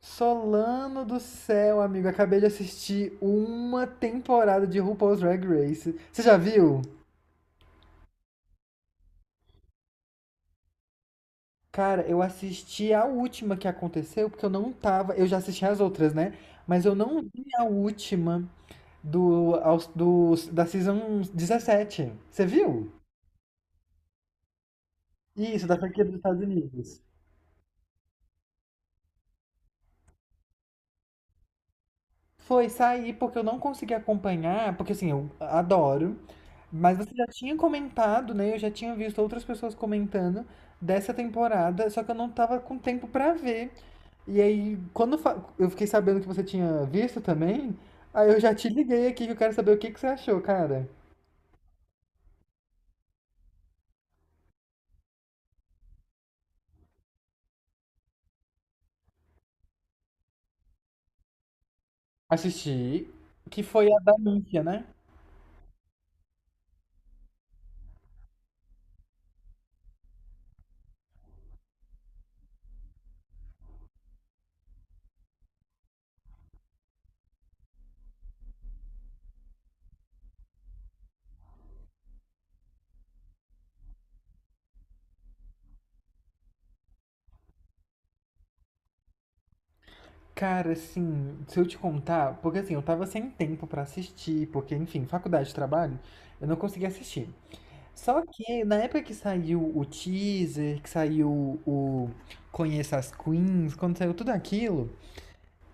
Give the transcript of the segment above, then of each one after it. Solano do céu, amigo, acabei de assistir uma temporada de RuPaul's Drag Race. Você já viu? Cara, eu assisti a última que aconteceu, porque eu não tava. Eu já assisti as outras, né? Mas eu não vi a última da season 17. Você viu? Isso, da franquia dos Estados Unidos. Foi sair porque eu não consegui acompanhar, porque assim, eu adoro, mas você já tinha comentado, né? Eu já tinha visto outras pessoas comentando dessa temporada, só que eu não tava com tempo pra ver. E aí, quando eu fiquei sabendo que você tinha visto também, aí eu já te liguei aqui que eu quero saber o que que você achou, cara. Assisti, que foi a da Mícia, né? Cara, assim, se eu te contar, porque assim, eu tava sem tempo pra assistir, porque enfim, faculdade, trabalho, eu não consegui assistir. Só que na época que saiu o teaser, que saiu o Conheça as Queens, quando saiu tudo aquilo,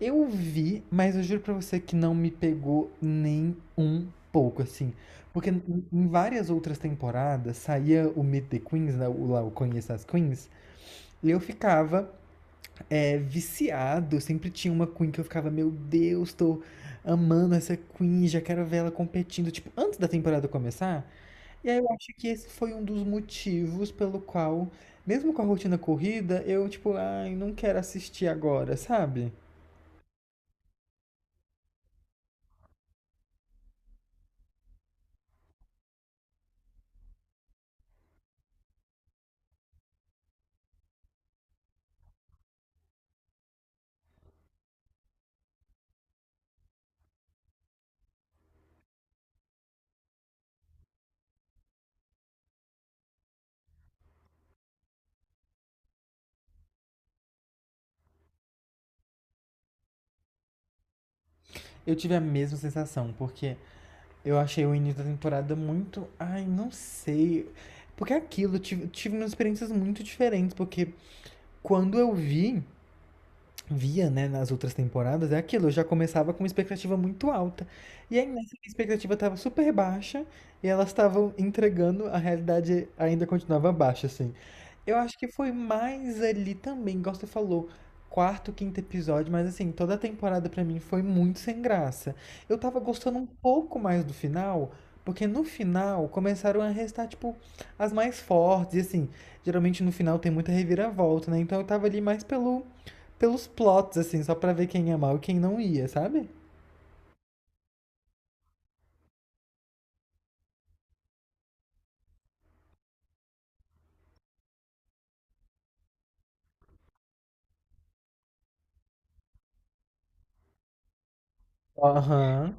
eu vi, mas eu juro pra você que não me pegou nem um pouco, assim. Porque em várias outras temporadas saía o Meet the Queens, né, lá o Conheça as Queens, e eu ficava viciado, sempre tinha uma Queen que eu ficava, meu Deus, tô amando essa Queen, já quero ver ela competindo. Tipo, antes da temporada começar, e aí eu acho que esse foi um dos motivos pelo qual, mesmo com a rotina corrida, eu tipo, ai, não quero assistir agora, sabe? Eu tive a mesma sensação, porque eu achei o início da temporada muito, ai, não sei. Porque é aquilo, eu tive umas experiências muito diferentes, porque quando via, né, nas outras temporadas, é aquilo, eu já começava com uma expectativa muito alta. E aí nessa minha expectativa estava super baixa e elas estavam entregando, a realidade ainda continuava baixa, assim. Eu acho que foi mais ali também, igual você falou, quarto, quinto episódio, mas assim, toda a temporada pra mim foi muito sem graça. Eu tava gostando um pouco mais do final, porque no final começaram a restar, tipo, as mais fortes, e assim, geralmente no final tem muita reviravolta, né? Então eu tava ali mais pelos plots, assim, só pra ver quem ia mal e quem não ia, sabe? Aham.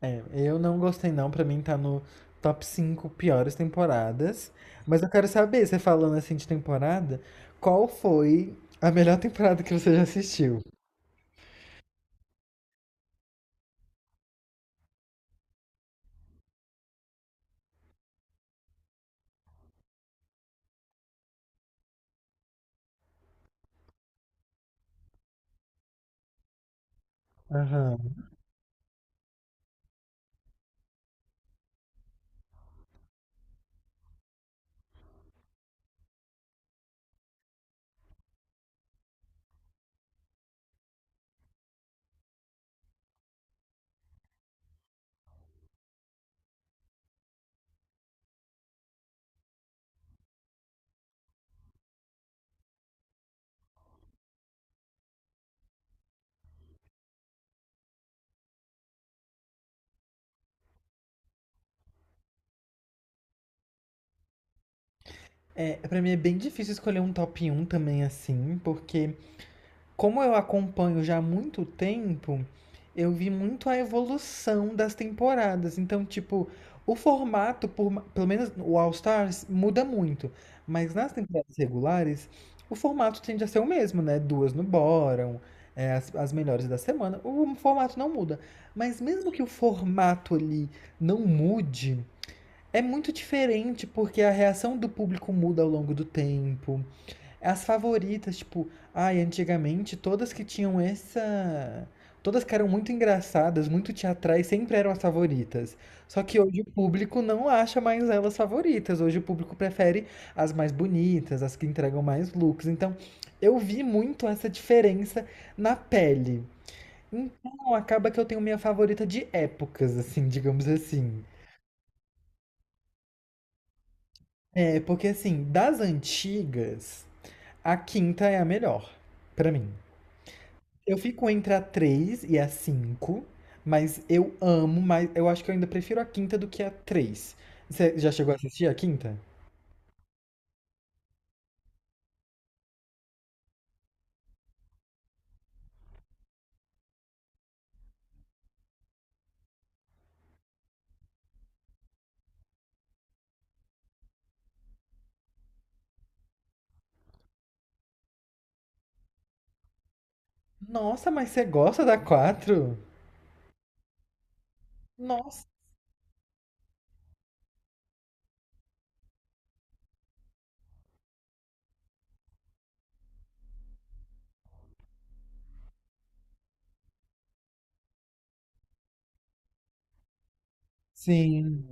É, eu não gostei não, pra mim tá no top 5 piores temporadas. Mas eu quero saber, você falando assim de temporada, qual foi a melhor temporada que você já assistiu? Aham. É, pra mim é bem difícil escolher um top um também assim, porque como eu acompanho já há muito tempo, eu vi muito a evolução das temporadas. Então, tipo, o formato, pelo menos o All Stars, muda muito. Mas nas temporadas regulares, o formato tende a ser o mesmo, né? Duas no bottom, as melhores da semana. O formato não muda. Mas mesmo que o formato ali não mude, é muito diferente porque a reação do público muda ao longo do tempo. As favoritas, tipo, ai, antigamente todas que tinham essa. Todas que eram muito engraçadas, muito teatrais, sempre eram as favoritas. Só que hoje o público não acha mais elas favoritas. Hoje o público prefere as mais bonitas, as que entregam mais looks. Então, eu vi muito essa diferença na pele. Então, acaba que eu tenho minha favorita de épocas, assim, digamos assim. É, porque assim, das antigas, a quinta é a melhor, pra mim. Eu fico entre a 3 e a 5, mas eu amo, mas eu acho que eu ainda prefiro a quinta do que a três. Você já chegou a assistir a quinta? Nossa, mas você gosta da quatro? Nossa. Sim.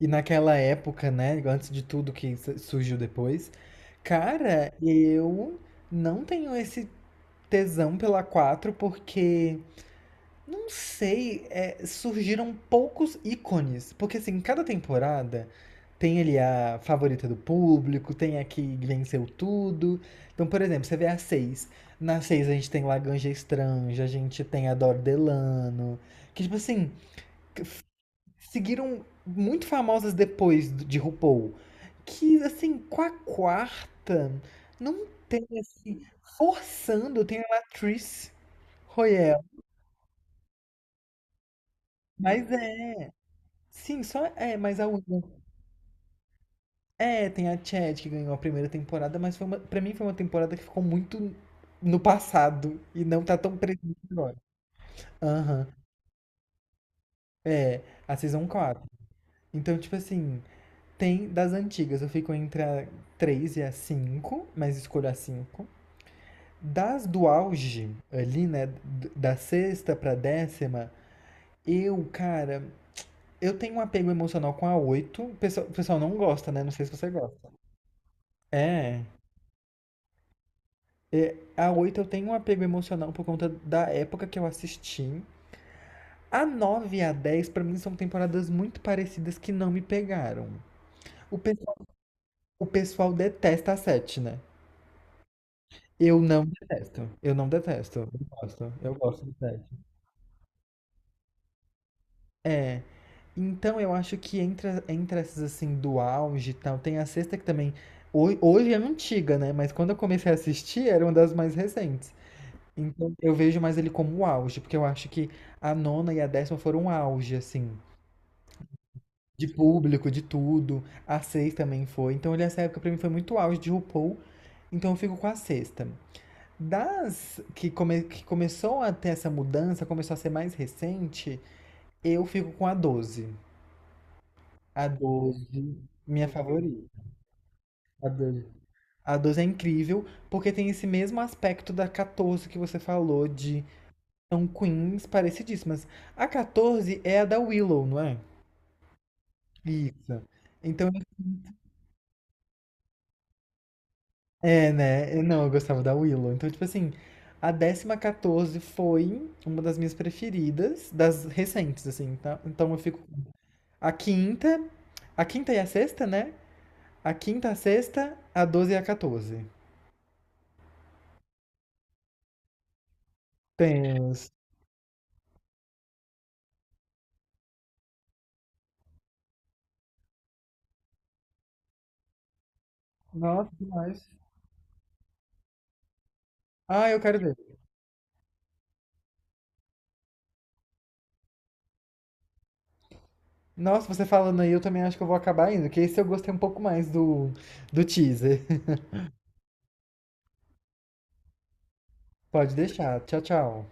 E naquela época, né, antes de tudo que surgiu depois, cara, eu não tenho esse tesão pela 4 porque não sei, surgiram poucos ícones, porque assim, cada temporada tem ali a favorita do público, tem a que venceu tudo. Então, por exemplo, você vê a seis. Na 6 a gente tem Laganja Estranja, a gente tem a Dor Delano, que tipo assim, seguiram muito famosas depois de RuPaul, que assim, com a quarta não tem assim, forçando, tem a Latrice Royale, mas é. Sim, só é, mas a última. É, tem a Chad que ganhou a primeira temporada, mas foi para mim foi uma temporada que ficou muito no passado e não tá tão presente agora. Aham. É, a Season quatro. Então, tipo assim, tem das antigas, eu fico entre a 3 e a 5, mas escolho a cinco. Das do auge, ali, né, da sexta pra 10ª, eu, cara, eu tenho um apego emocional com a oito. O pessoal não gosta, né? Não sei se você gosta. É. É, a 8 eu tenho um apego emocional por conta da época que eu assisti. A 9 e a 10 pra mim, são temporadas muito parecidas que não me pegaram. O pessoal, o pessoal detesta a 7, né? Eu não detesto. Eu não detesto. Eu gosto. Eu gosto de 7. É. Então eu acho que entre essas assim do auge e tal, tem a sexta que também. Hoje é antiga, né? Mas quando eu comecei a assistir, era uma das mais recentes. Então eu vejo mais ele como o auge, porque eu acho que a nona e a 10ª foram um auge, assim, de público, de tudo. A seis também foi. Então ele, essa época pra mim foi muito auge de RuPaul, então eu fico com a sexta. Das que, que começou a ter essa mudança, começou a ser mais recente, eu fico com a 12. A 12 minha favorita. A 12. A 12 é incrível, porque tem esse mesmo aspecto da 14 que você falou, de. São queens parecidíssimas. A 14 é a da Willow, não é? Isso. Então, é, né? Não, eu gostava da Willow. Então, tipo assim, a 10ª 14 foi uma das minhas preferidas, das recentes, assim, tá? Então eu fico. A quinta, a quinta e a sexta, né? A quinta, a sexta, a 12 e a 14. Temos. Nossa, demais. Ah, eu quero ver. Nossa, você falando aí, eu também acho que eu vou acabar indo, que esse eu gostei um pouco mais do teaser. Pode deixar. Tchau, tchau.